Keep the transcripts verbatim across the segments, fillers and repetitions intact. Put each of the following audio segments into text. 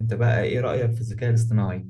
انت بقى ايه رأيك في الذكاء الاصطناعي؟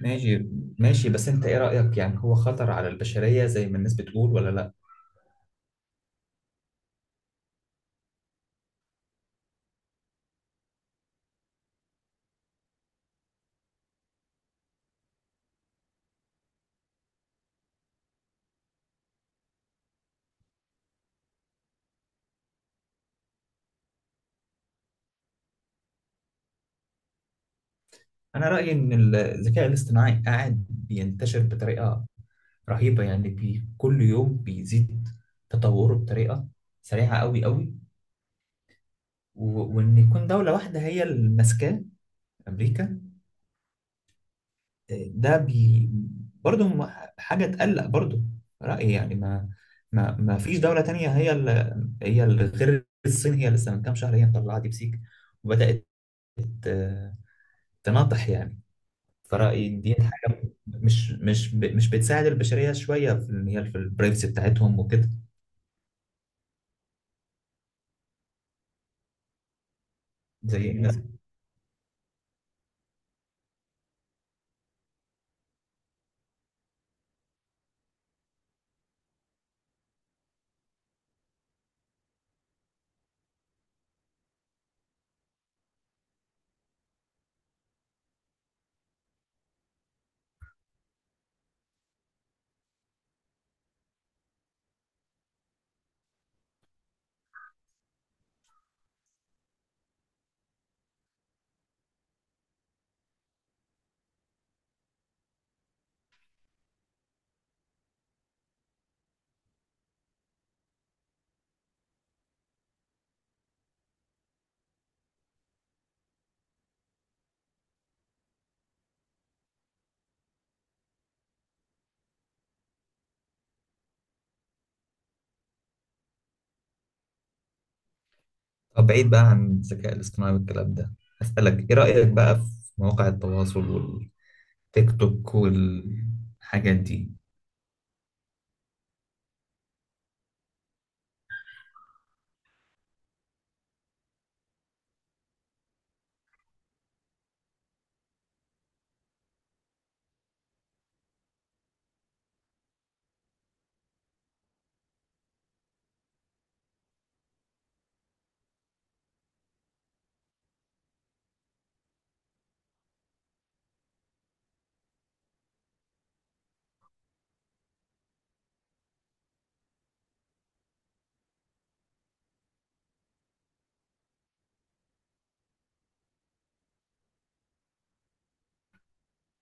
ماشي. ماشي، بس انت ايه رأيك، يعني هو خطر على البشرية زي ما الناس بتقول ولا لا؟ انا رأيي ان الذكاء الاصطناعي قاعد بينتشر بطريقة رهيبة، يعني بي كل يوم بيزيد تطوره بطريقة سريعة قوي قوي. و- وان يكون دولة واحدة هي اللي ماسكاه، امريكا، ده بي برضه هم حاجة تقلق برضه. رأيي يعني ما ما ما فيش دولة تانية هي ال... هي ال... غير الصين. هي لسه من كام شهر هي مطلعة ديبسيك وبدأت ت- تناطح يعني. فرأيي دي حاجة مش مش ب... مش بتساعد البشرية شوية في إن هي في البرايفسي بتاعتهم وكده. زي الناس. طب بعيد بقى عن الذكاء الاصطناعي والكلام ده، أسألك إيه رأيك بقى في مواقع التواصل والتيك توك والحاجات دي؟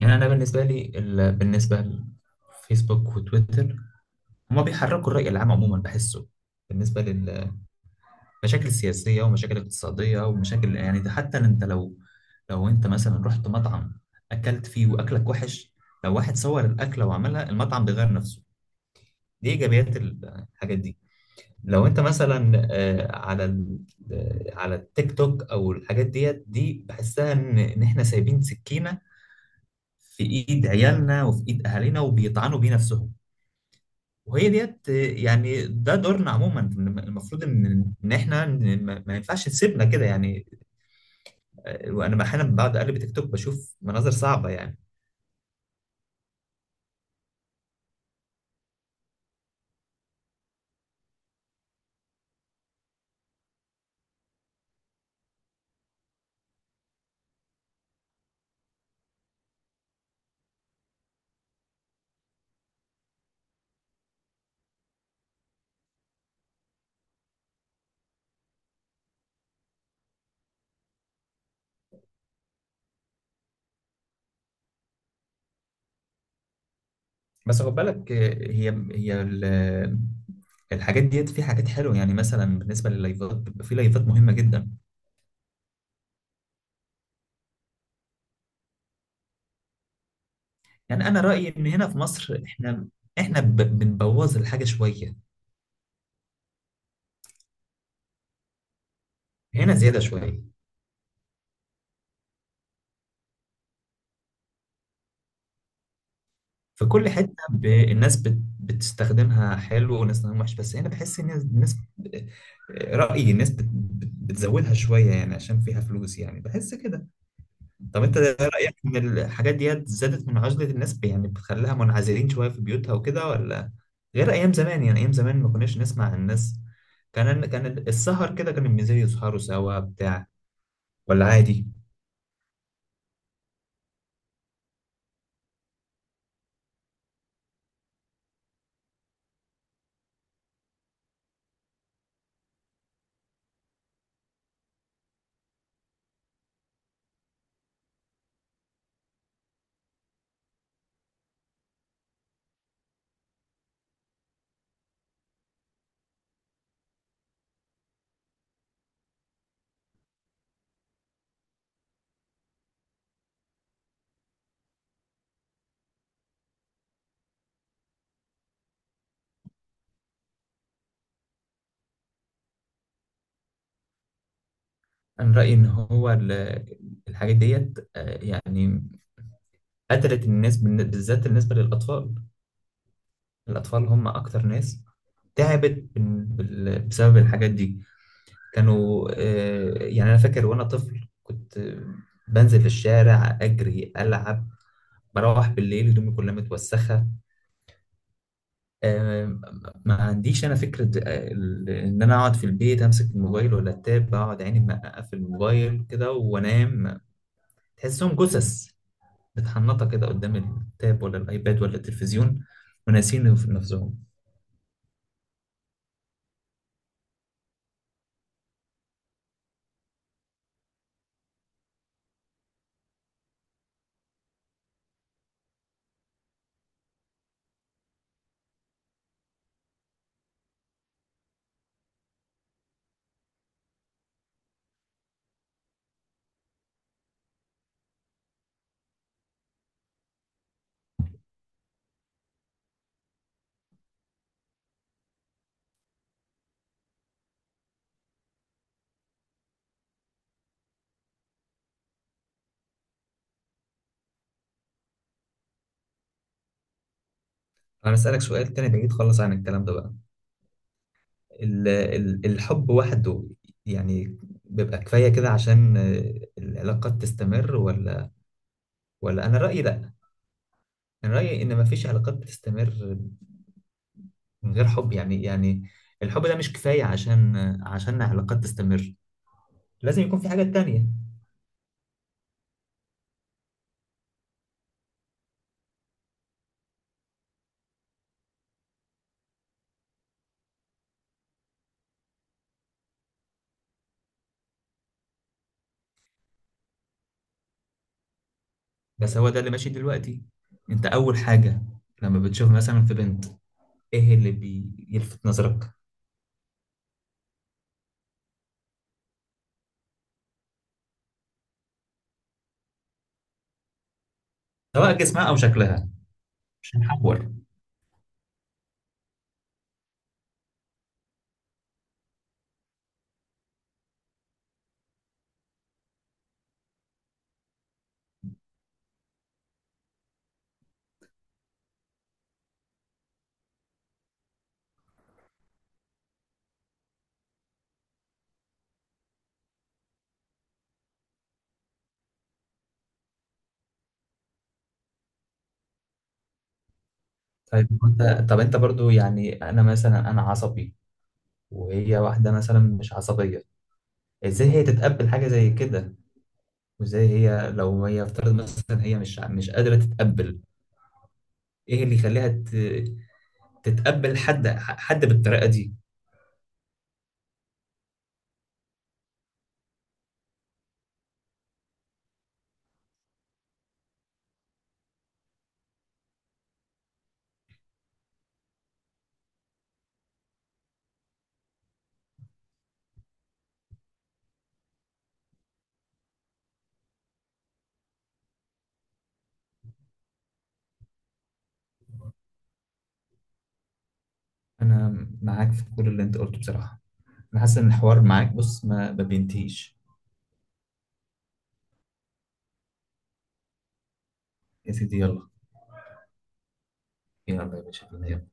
يعني انا بالنسبه لي ال... بالنسبه لفيسبوك وتويتر، هما بيحركوا الراي العام عموما، بحسه بالنسبه للمشاكل السياسيه ومشاكل اقتصاديه ومشاكل، يعني ده حتى انت لو لو انت مثلا رحت مطعم اكلت فيه واكلك وحش، لو واحد صور الاكله وعملها المطعم بيغير نفسه. دي ايجابيات ال- الحاجات دي. لو انت مثلا آه، على ال... آه، على التيك توك او الحاجات ديت، دي بحسها ان ان احنا سايبين سكينه في ايد عيالنا وفي ايد اهالينا وبيطعنوا بيه نفسهم. وهي ديت يعني ده دورنا عموما، المفروض ان ان احنا ن- ما ما ينفعش نسيبنا كده يعني. وانا احيانا بعد اقلب تيك توك بشوف مناظر صعبه يعني. بس خد بالك، هي هي ال- الحاجات ديت في حاجات حلوه، يعني مثلا بالنسبه لللايفات، بيبقى في لايفات مهمه جدا. يعني انا رايي ان هنا في مصر احنا، احنا ب- بنبوظ الحاجه شويه، هنا زياده شويه. في كل حته ب... الناس بت... بتستخدمها حلو والناس بتستخدمها وحش، بس هنا بحس ان الناس ب- رايي الناس بت... بت- بتزودها شويه، يعني عشان فيها فلوس يعني، بحس كده. طب انت رايك ان الحاجات ديت زادت من عزله الناس، ب- يعني بتخليها منعزلين شويه في بيوتها وكده، ولا غير ايام زمان؟ يعني ايام زمان ما كناش نسمع عن الناس، كان كان السهر كده، كان بالنسبه لي يسهروا سوا بتاع، ولا عادي. انا رايي ان هو ال- الحاجات ديت آه، يعني قتلت الناس، بالن- بالذات بالنسبة للأطفال. الأطفال هم أكتر ناس تعبت بال- بال- بسبب الحاجات دي. كانوا آه، يعني أنا فاكر وأنا طفل كنت آه، بنزل في الشارع أجري ألعب، بروح بالليل هدومي كلها متوسخة. آه، ما عنديش أنا فكرة آه، ال- إن أنا أقعد في البيت أمسك الموبايل ولا التاب، أقعد عيني منققة في الموبايل كده وأنام. تحسهم جثث متحنطة كده قدام التاب ولا الأيباد ولا التلفزيون، وناسين نفسهم. انا بسألك سؤال تاني بعيد خالص عن الكلام ده بقى. ال- ال- الحب وحده يعني بيبقى كفاية كده عشان آه، العلاقات تستمر، ولا؟ ولا انا رأيي لا، انا رأيي ان مفيش علاقات بتستمر من غير حب، يعني يعني الحب ده مش كفاية عشان آه، عشان علاقات تستمر، لازم يكون في حاجة تانية. بس هو ده اللي ماشي دلوقتي. انت اول حاجة لما بتشوف مثلا في بنت، ايه اللي بيلفت نظرك؟ سواء جسمها او شكلها، مش هنحور. طيب انت، طب انت برضو يعني انا مثلا انا عصبي وهي واحده مثلا مش عصبيه، ازاي هي تتقبل حاجه زي كده؟ وازاي هي لو هي افترض مثلا هي مش مش قادره تتقبل، ايه اللي يخليها ت- تتقبل حد حد بالطريقه دي؟ انا معاك في كل اللي انت قلته بصراحه. انا حاسس ان الحوار معاك، بص، ما ما بينتهيش. يا سيدي يلا. يلا يا باشا.